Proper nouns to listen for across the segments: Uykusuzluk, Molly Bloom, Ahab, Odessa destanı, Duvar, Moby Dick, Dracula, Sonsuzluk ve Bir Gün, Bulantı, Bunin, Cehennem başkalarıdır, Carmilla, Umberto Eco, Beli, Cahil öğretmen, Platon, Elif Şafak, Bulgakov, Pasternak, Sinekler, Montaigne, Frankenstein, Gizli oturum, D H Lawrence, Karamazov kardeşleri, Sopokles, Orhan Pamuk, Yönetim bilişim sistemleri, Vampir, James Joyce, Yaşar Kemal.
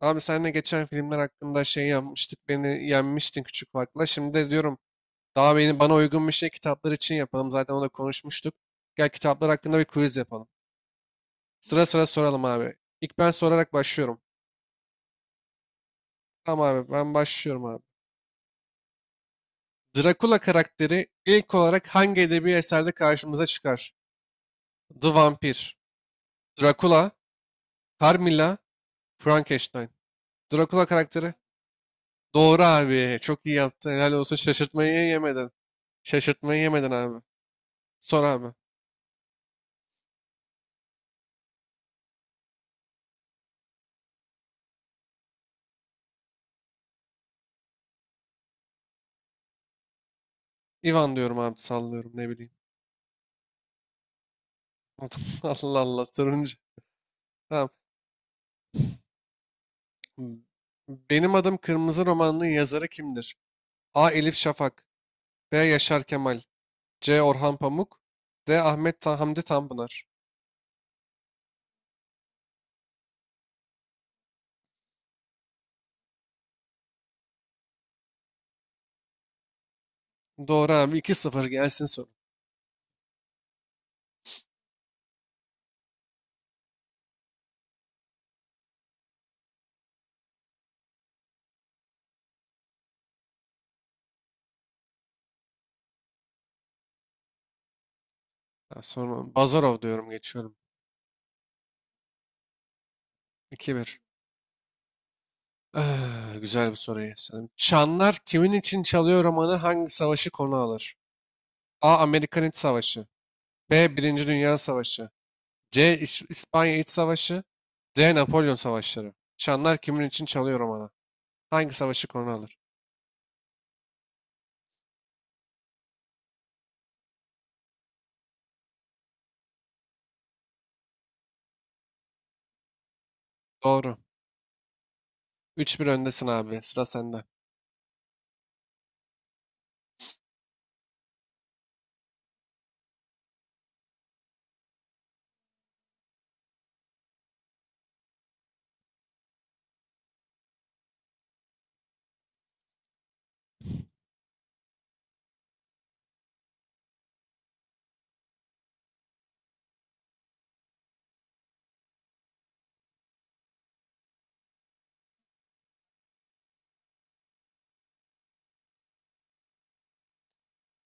Abi seninle geçen filmler hakkında şey yapmıştık. Beni yenmiştin küçük farkla. Şimdi de diyorum daha beni bana uygun bir şey kitaplar için yapalım. Zaten onu da konuşmuştuk. Gel kitaplar hakkında bir quiz yapalım. Sıra sıra soralım abi. İlk ben sorarak başlıyorum. Tamam abi ben başlıyorum abi. Dracula karakteri ilk olarak hangi edebi eserde karşımıza çıkar? The Vampir, Dracula, Carmilla, Frankenstein. Dracula karakteri. Doğru abi. Çok iyi yaptın. Helal olsun. Şaşırtmayı yemeden abi. Sor abi. Ivan diyorum abi, sallıyorum, ne bileyim. Allah Allah sorunca. Tamam. Benim Adım Kırmızı romanının yazarı kimdir? A. Elif Şafak. B. Yaşar Kemal. C. Orhan Pamuk. D. Ahmet Ta Hamdi Tanpınar. Doğru abi, 2-0 gelsin soru. Ha, sonra Bazarov diyorum, geçiyorum. 2-1. Ah, güzel bir soruyu sanırım. Çanlar kimin için çalıyor romanı hangi savaşı konu alır? A. Amerikan İç Savaşı. B. Birinci Dünya Savaşı. C. İspanya İç Savaşı. D. Napolyon Savaşları. Şanlar kimin için çalıyor romanı hangi savaşı konu alır? Doğru. 3-1 öndesin abi. Sıra sende.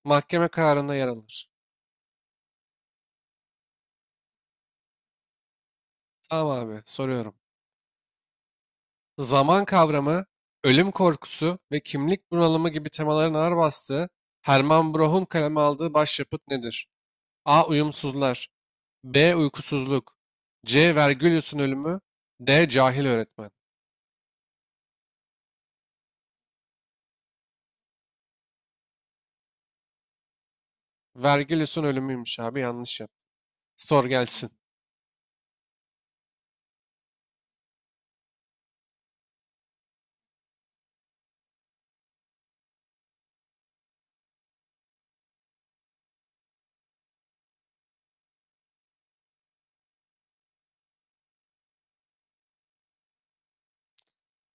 Mahkeme kararında yer alır. Tamam abi, soruyorum. Zaman kavramı, ölüm korkusu ve kimlik bunalımı gibi temaların ağır bastığı, Hermann Broch'un kaleme aldığı başyapıt nedir? A. Uyumsuzlar. B. Uykusuzluk. C. Vergilius'un ölümü. D. Cahil öğretmen. Vergilius'un ölümüymüş abi. Yanlış yap. Sor gelsin.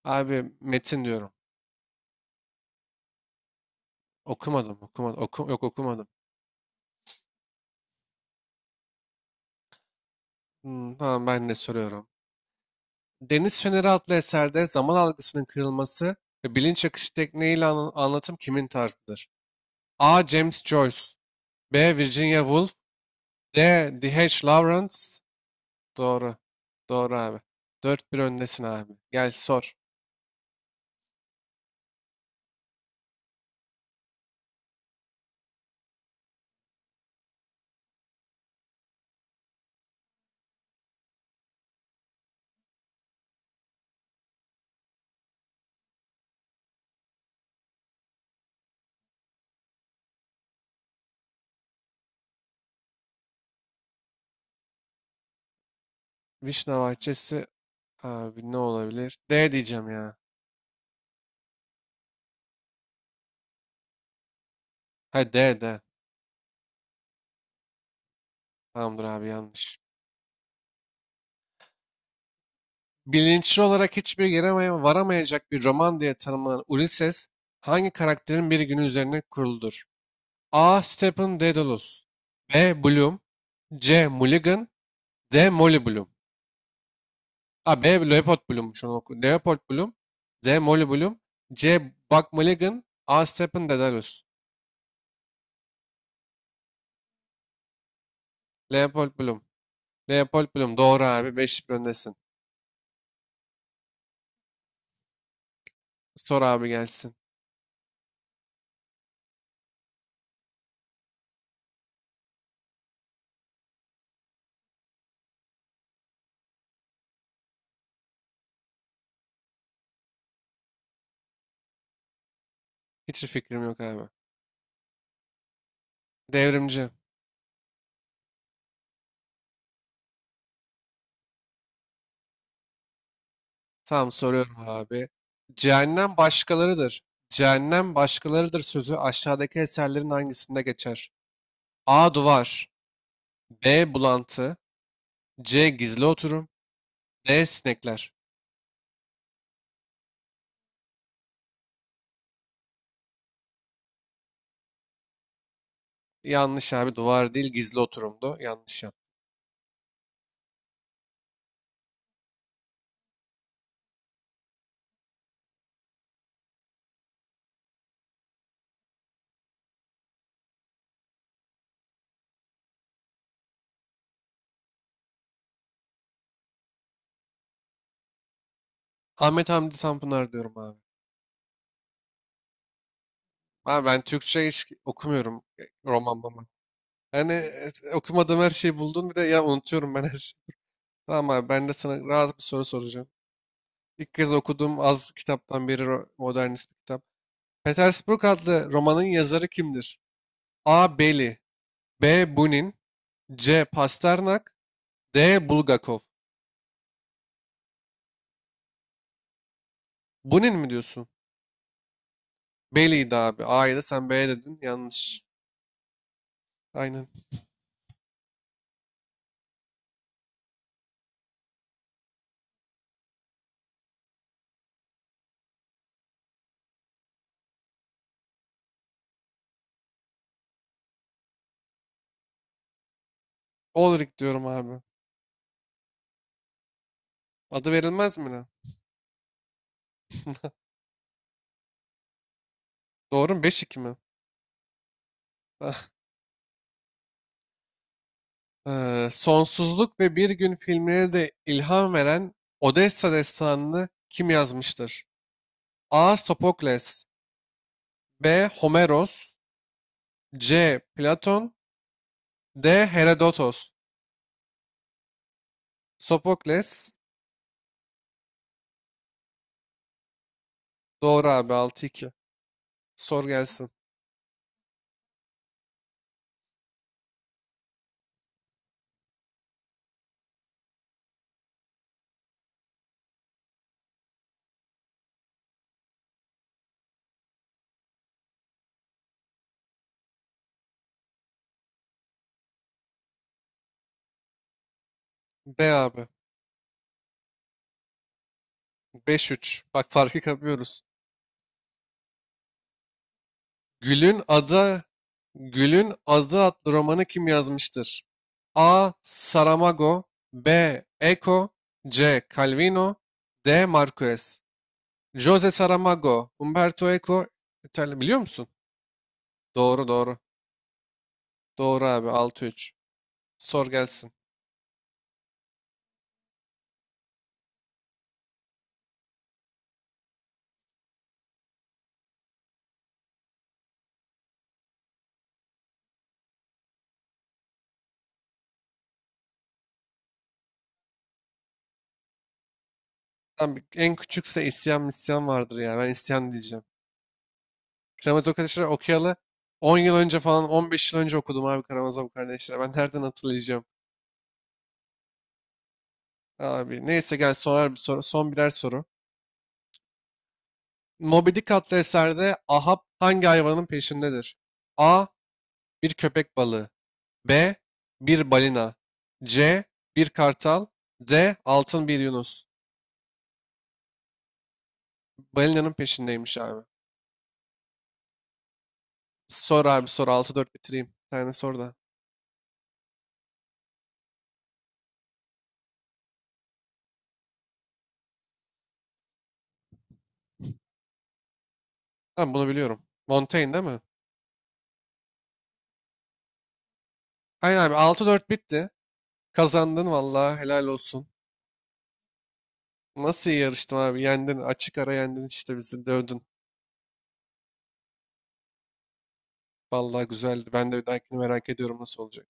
Abi, metin diyorum. Okumadım, okumadım. Oku, yok okumadım. Hmm. Tamam, ben de soruyorum. Deniz Feneri adlı eserde zaman algısının kırılması ve bilinç akışı tekniğiyle anlatım kimin tarzıdır? A. James Joyce. B. Virginia Woolf. D. D H Lawrence. Doğru. Doğru abi. 4-1 öndesin abi. Gel sor. Vişne Bahçesi abi, ne olabilir? D diyeceğim ya. Ha, D, D. Tamamdır abi, yanlış. Bilinçli olarak hiçbir yere varamayacak bir roman diye tanımlanan Ulysses hangi karakterin bir günü üzerine kuruludur? A. Stephen Dedalus. B. Bloom. C. Mulligan. D. Molly Bloom. A. B. Leopold Bloom, şunu oku. Leopold Bloom. D. Molly Bloom. C. Buck Mulligan. A. Stephen Dedalus. Leopold Bloom. Leopold Bloom doğru abi, 5 öndesin. Sor abi, gelsin. Hiç fikrim yok abi. Devrimci. Tamam, soruyorum abi. Cehennem başkalarıdır. Cehennem başkalarıdır sözü aşağıdaki eserlerin hangisinde geçer? A. Duvar. B. Bulantı. C. Gizli oturum. D. Sinekler. Yanlış abi. Duvar değil, gizli oturumdu. Yanlış yaptım. Ahmet Hamdi Tanpınar diyorum abi. Abi, ben Türkçe hiç okumuyorum. Roman roman. Yani, okumadığım her şeyi buldum. Bir de ya, unutuyorum ben her şeyi. Tamam abi, ben de sana rahat bir soru soracağım. İlk kez okuduğum az kitaptan biri, modernist bir kitap. Petersburg adlı romanın yazarı kimdir? A. Beli. B. Bunin. C. Pasternak. D. Bulgakov. Bunin mi diyorsun? Beli'ydi abi. A'yı da sen B'ye dedin. Yanlış. Aynen. Ulrich diyorum abi. Adı verilmez mi lan? Doğru mu? 5-2 mi? Ah. Sonsuzluk ve Bir Gün filmine de ilham veren Odessa destanını kim yazmıştır? A. Sopokles. B. Homeros. C. Platon. D. Herodotos. Sopokles. Doğru abi, 6-2. Sor gelsin. B abi. 5-3. Bak, farkı kapıyoruz. Gül'ün adı. Gül'ün adı adlı romanı kim yazmıştır? A. Saramago. B. Eco. C. Calvino. D. Marquez. Jose Saramago. Umberto Eco. İtalya biliyor musun? Doğru, doğru. Doğru abi, 6-3. Sor gelsin. Lan, en küçükse isyan misyan vardır ya. Ben isyan diyeceğim. Karamazov kardeşleri okuyalı 10 yıl önce falan, 15 yıl önce okudum abi Karamazov kardeşleri. Ben nereden hatırlayacağım? Abi neyse, gel sorar bir soru. Son birer soru. Moby Dick adlı eserde Ahab hangi hayvanın peşindedir? A. Bir köpek balığı. B. Bir balina. C. Bir kartal. D. Altın bir yunus. Balinanın peşindeymiş abi. Sor abi, sor. 6-4 bitireyim. Bir tane sor da. Tamam, bunu biliyorum. Montaigne değil mi? Aynen abi, 6-4 bitti. Kazandın vallahi, helal olsun. Nasıl iyi yarıştım abi? Yendin. Açık ara yendin işte, bizi dövdün. Vallahi güzeldi. Ben de bir dahakini merak ediyorum, nasıl olacak.